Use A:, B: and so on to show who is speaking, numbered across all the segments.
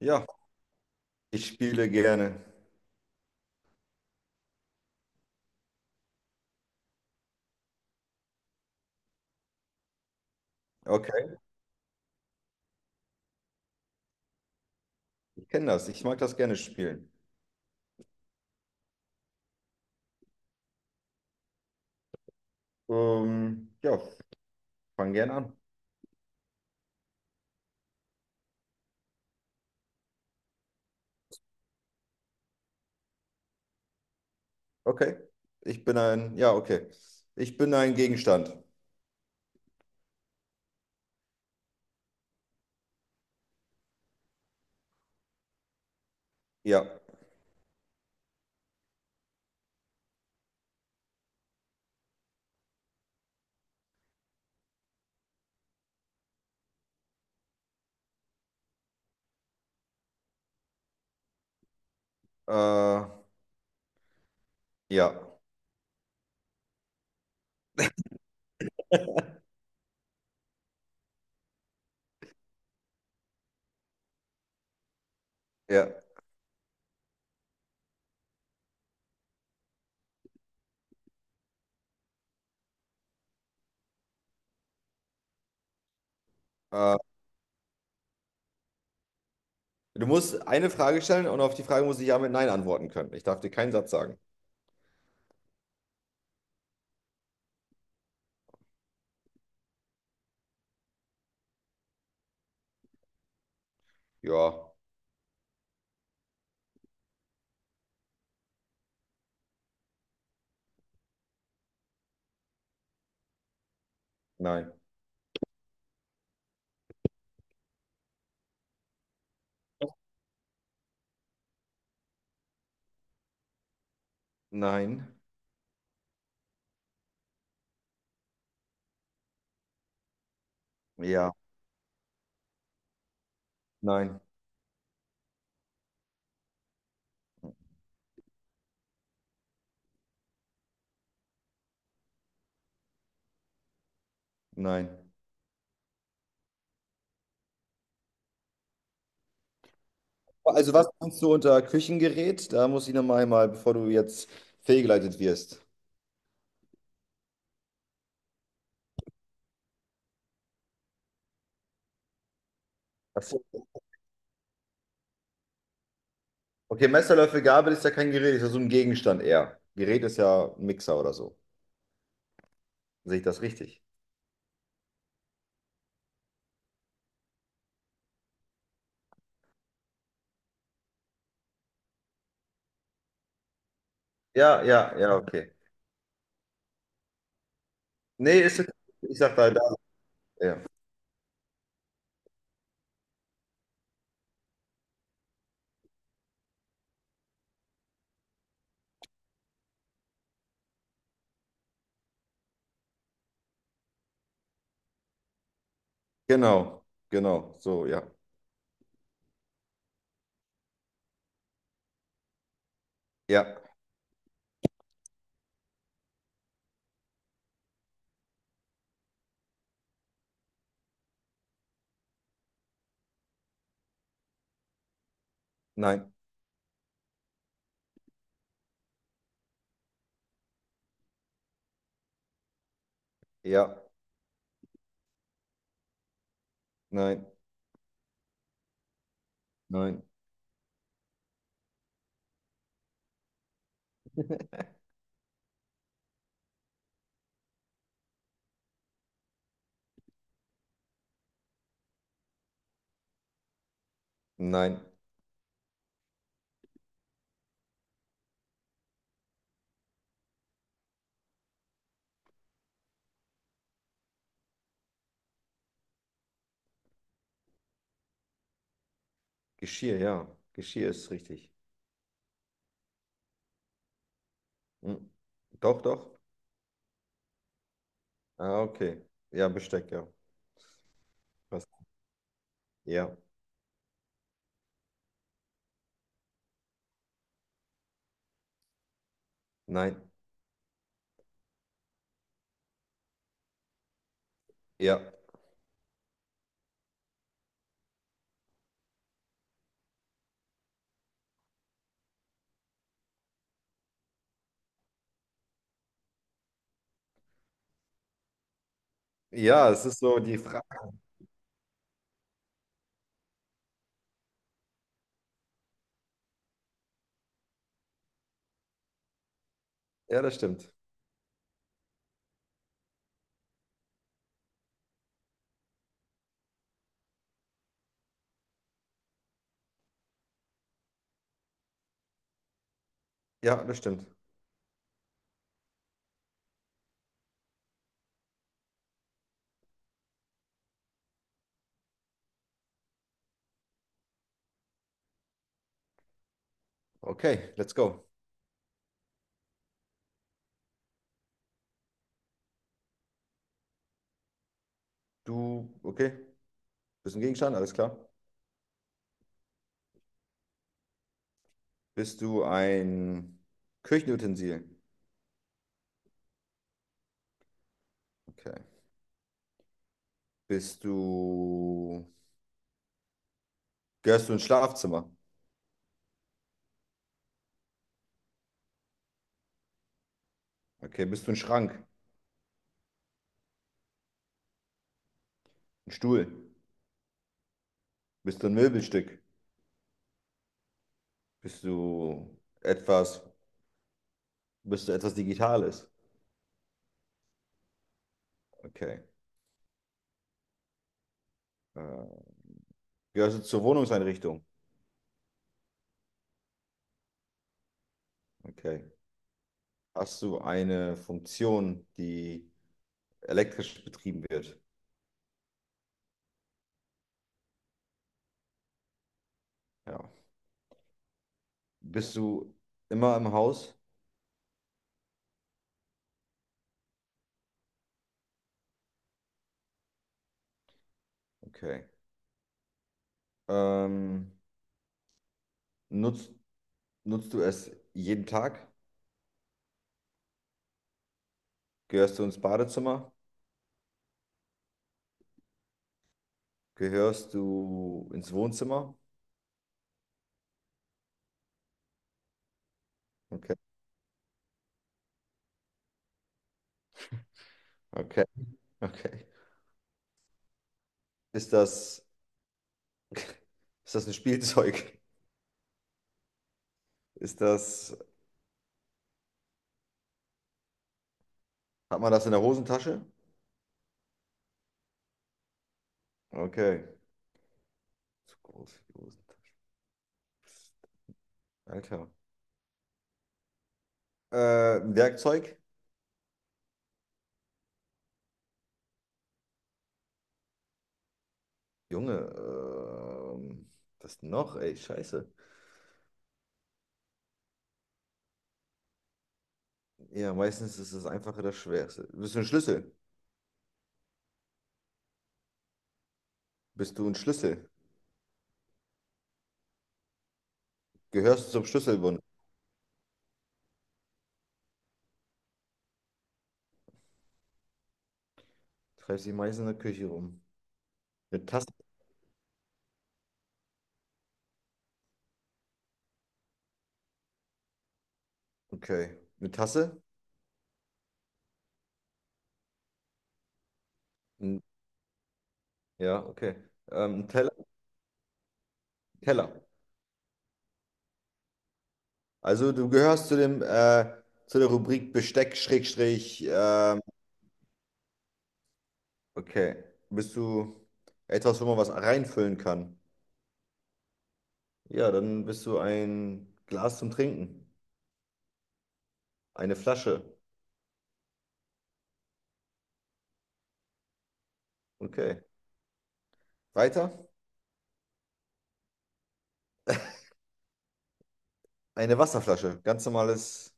A: Ja, ich spiele gerne. Okay, ich kenne das. Ich mag das gerne spielen. Ja, fang gerne an. Okay. Ich bin ein, ja, okay. Ich bin ein Gegenstand. Ja. Äh, ja. Ja. Äh, Du musst eine Frage stellen und auf die Frage muss ich ja mit Nein antworten können. Ich darf dir keinen Satz sagen. Ja, nein. Nein. Ja, nein, nein. Also was meinst du unter Küchengerät? Da muss ich nochmal mal, bevor du jetzt fehlgeleitet wirst. Okay, Messer, Löffel, Gabel ist ja kein Gerät, ist ja so ein Gegenstand eher. Gerät ist ja ein Mixer oder so. Sehe ich das richtig? Ja, ja, ja, okay. Nee, ist okay. Ich sag da. Ja. Genau, genau, so, ja. Ja, nein, ja, nein, nein, nein. Geschirr, ja. Geschirr ist richtig. Hm. Doch, doch. Ah, okay. Ja, Besteck, ja. Was? Ja, nein, ja. Ja, es ist so die Frage. Ja, das stimmt. Ja, das stimmt. Okay, let's go. Du, okay. Bist du ein Gegenstand? Alles klar. Bist du ein Küchenutensil? Okay. Bist du. Gehörst du ins Schlafzimmer? Okay. Bist du ein Schrank? Ein Stuhl? Bist du ein Möbelstück? Bist du etwas. Bist du etwas Digitales? Okay. Äh, Gehörst du zur Wohnungseinrichtung? Okay. Hast du eine Funktion, die elektrisch betrieben wird? Ja. Bist du immer im Haus? Okay. Ähm, nutzt Nutzt du es jeden Tag? Gehörst du ins Badezimmer? Gehörst du ins Wohnzimmer? Okay, okay, okay. Ist das, ist das ein Spielzeug? Ist das, hat man das in der Hosentasche? Okay. Zu groß für die Hosentasche. Alter. Ein Werkzeug? Junge, was noch? Ey, scheiße. Ja, meistens ist das Einfache das Schwerste. Bist du ein Schlüssel? Bist du ein Schlüssel? Gehörst du zum Schlüsselbund? Treibst dich meistens in der Küche rum. Eine Tasse? Okay. Eine Tasse? Ein- Ja, okay. Ein Teller? Teller. Also du gehörst zu dem, zu der Rubrik Besteck, Schrägstrich, okay. Bist du etwas, wo man was reinfüllen kann? Ja, dann bist du ein Glas zum Trinken. Eine Flasche. Okay. Weiter? Eine Wasserflasche. Ganz normales,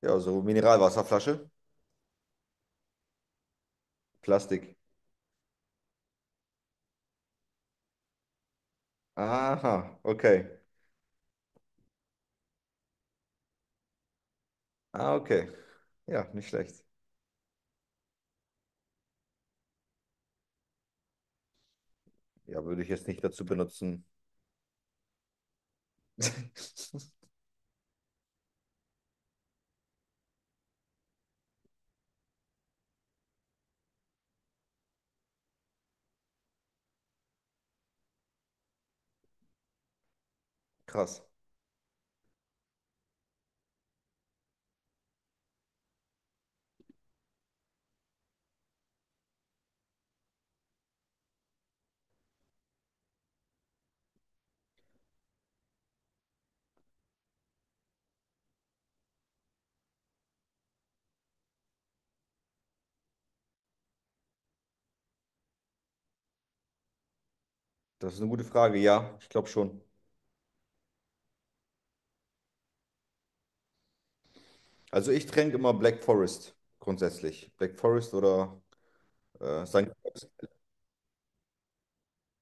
A: ja, so Mineralwasserflasche. Plastik. Aha, okay. Ah, okay. Ja, nicht schlecht. Ja, würde ich jetzt nicht dazu benutzen. Krass. Das ist eine gute Frage. Ja, ich glaube schon. Also ich tränke immer Black Forest grundsätzlich. Black Forest oder St.